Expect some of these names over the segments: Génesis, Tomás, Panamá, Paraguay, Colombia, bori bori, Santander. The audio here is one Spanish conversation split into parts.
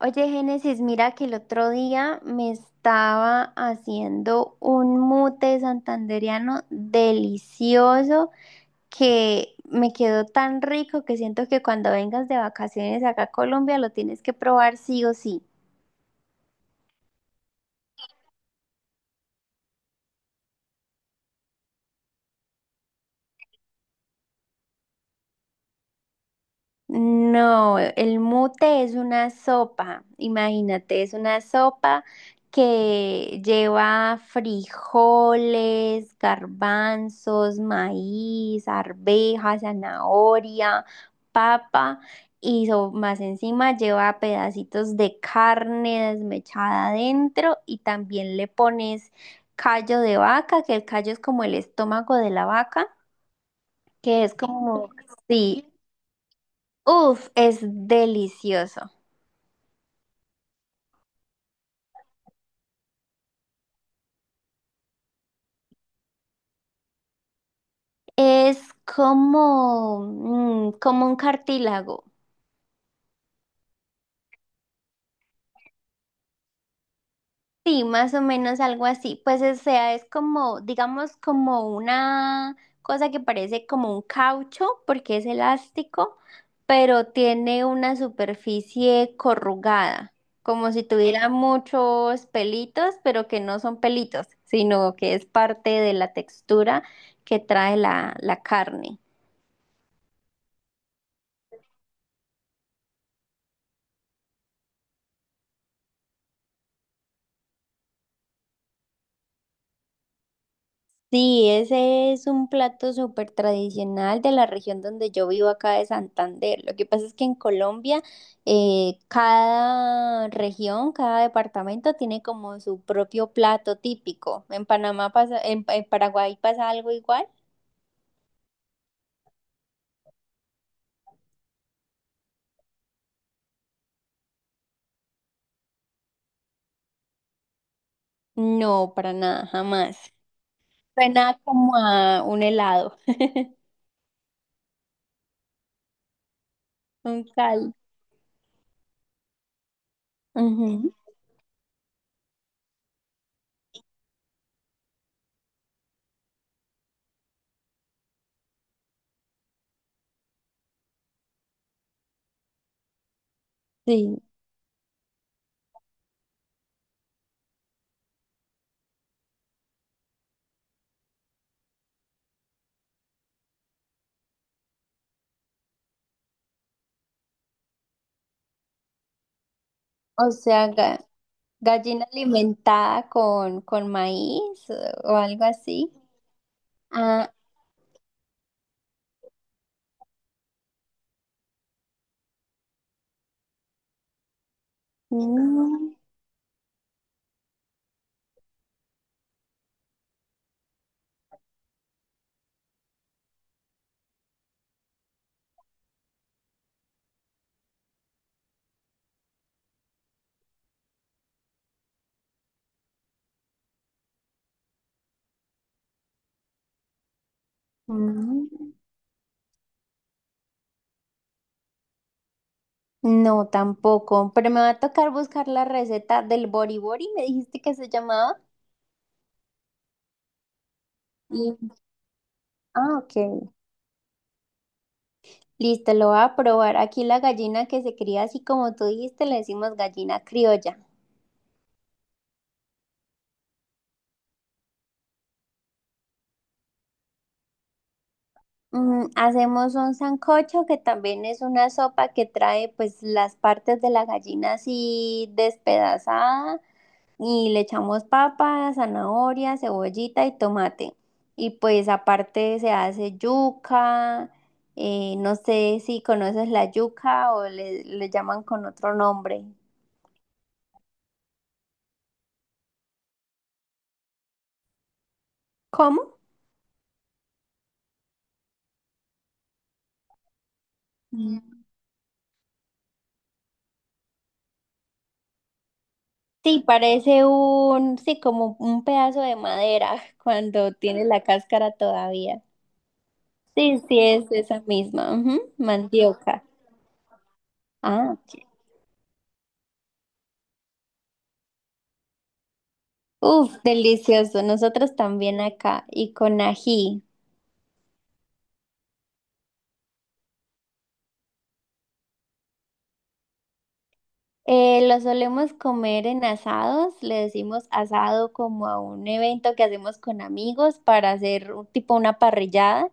Oye, Génesis, mira que el otro día me estaba haciendo un mute santandereano delicioso que me quedó tan rico que siento que cuando vengas de vacaciones acá a Colombia lo tienes que probar sí o sí. No, el mute es una sopa, imagínate, es una sopa que lleva frijoles, garbanzos, maíz, arvejas, zanahoria, papa y más encima lleva pedacitos de carne desmechada adentro y también le pones callo de vaca, que el callo es como el estómago de la vaca, que es como, sí. Uf, es delicioso. Es como, como un cartílago. Sí, más o menos algo así. Pues o sea, es como, digamos, como una cosa que parece como un caucho, porque es elástico, pero tiene una superficie corrugada, como si tuviera muchos pelitos, pero que no son pelitos, sino que es parte de la textura que trae la carne. Sí, ese es un plato súper tradicional de la región donde yo vivo acá de Santander. Lo que pasa es que en Colombia cada región, cada departamento tiene como su propio plato típico. ¿En Panamá pasa, en Paraguay pasa algo igual? No, para nada, jamás. Suena como a un helado, un cal. Ujú. Sí, o sea, gallina alimentada con maíz, o algo así. Ah. Mm, mm. No, tampoco, pero me va a tocar buscar la receta del bori bori, me dijiste que se llamaba. Y, ah, ok. Listo, lo voy a probar. Aquí la gallina que se cría así como tú dijiste, le decimos gallina criolla. Hacemos un sancocho que también es una sopa que trae pues las partes de la gallina así despedazada y le echamos papa, zanahoria, cebollita y tomate. Y pues aparte se hace yuca, no sé si conoces la yuca o le llaman con otro nombre. ¿Cómo? Mm. Sí, parece un, sí, como un pedazo de madera cuando tiene la cáscara todavía. Sí, sí, es esa misma, ujú, mandioca. Ah, ok. Uf, delicioso. Nosotros también acá y con ají. Lo solemos comer en asados, le decimos asado como a un evento que hacemos con amigos para hacer tipo una parrillada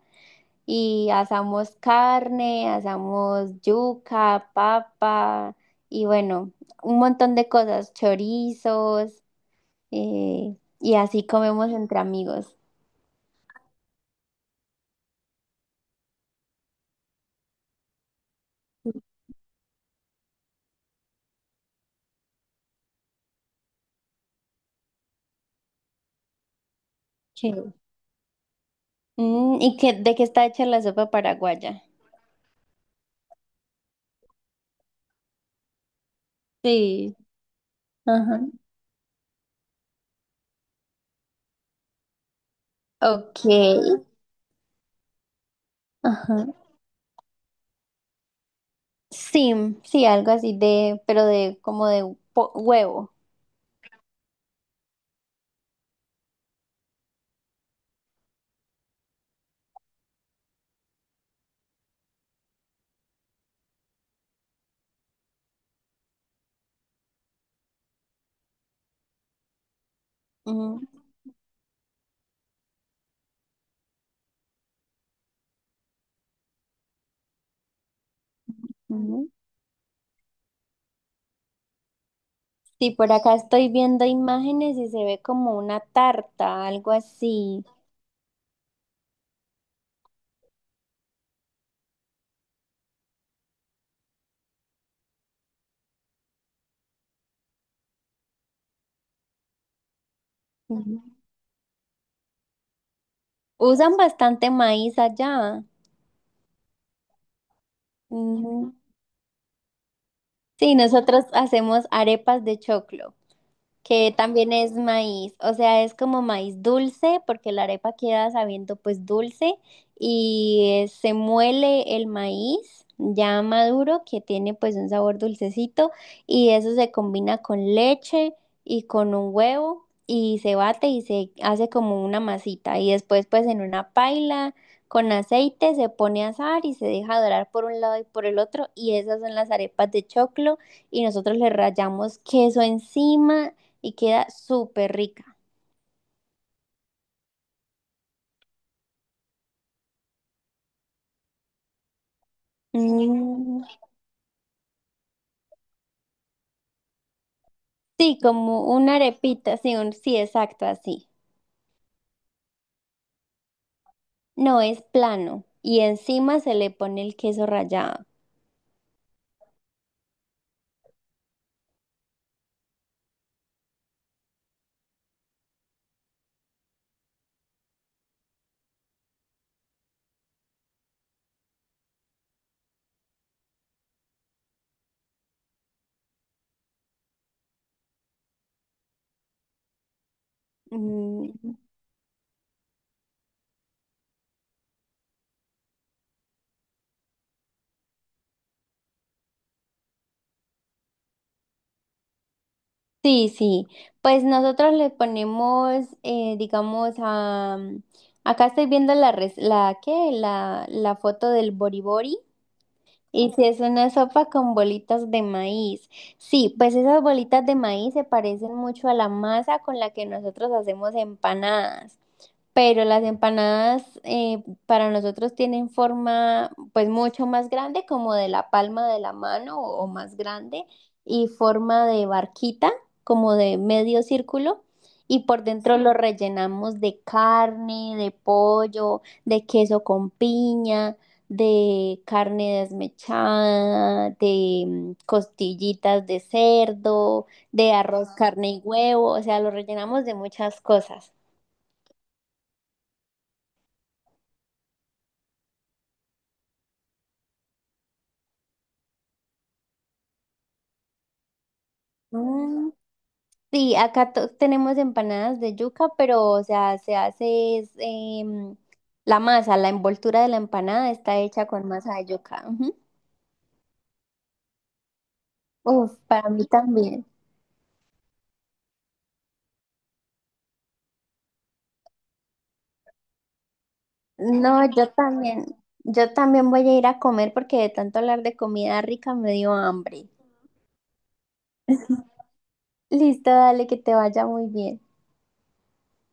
y asamos carne, asamos yuca, papa y bueno, un montón de cosas, chorizos, y así comemos entre amigos. Chévere. ¿Y qué, de qué está hecha la sopa paraguaya? Sí. Ajá. Ok. Ajá. Sí, sí, algo así de, pero de como de huevo. Ujú, ujú. Sí, por acá estoy viendo imágenes y se ve como una tarta, algo así. Ujú. Usan bastante maíz allá. Ujú. Sí, nosotros hacemos arepas de choclo, que también es maíz, o sea, es como maíz dulce, porque la arepa queda sabiendo pues dulce y se muele el maíz ya maduro que tiene pues un sabor dulcecito y eso se combina con leche y con un huevo y se bate y se hace como una masita y después pues en una paila con aceite se pone a asar y se deja dorar por un lado y por el otro y esas son las arepas de choclo y nosotros le rallamos queso encima y queda súper rica. Mm. Sí, como una arepita, sí, sí, exacto, así. No es plano y encima se le pone el queso rallado. Mm. Sí, sí. Pues nosotros le ponemos, digamos, a... Acá estoy viendo la, la, ¿qué? La foto del boribori. Y si es una sopa con bolitas de maíz. Sí, pues esas bolitas de maíz se parecen mucho a la masa con la que nosotros hacemos empanadas. Pero las empanadas, para nosotros tienen forma pues mucho más grande, como de la palma de la mano o más grande, y forma de barquita, como de medio círculo, y por dentro lo rellenamos de carne, de pollo, de queso con piña, de carne desmechada, de costillitas de cerdo, de arroz, carne y huevo, o sea, lo rellenamos de muchas cosas. Sí, acá tenemos empanadas de yuca, pero o sea, se hace es, em, la masa, la envoltura de la empanada está hecha con masa de yuca. Ujú. Uf, para mí también. No, yo también voy a ir a comer porque de tanto hablar de comida rica me dio hambre. Listo, dale, que te vaya muy bien.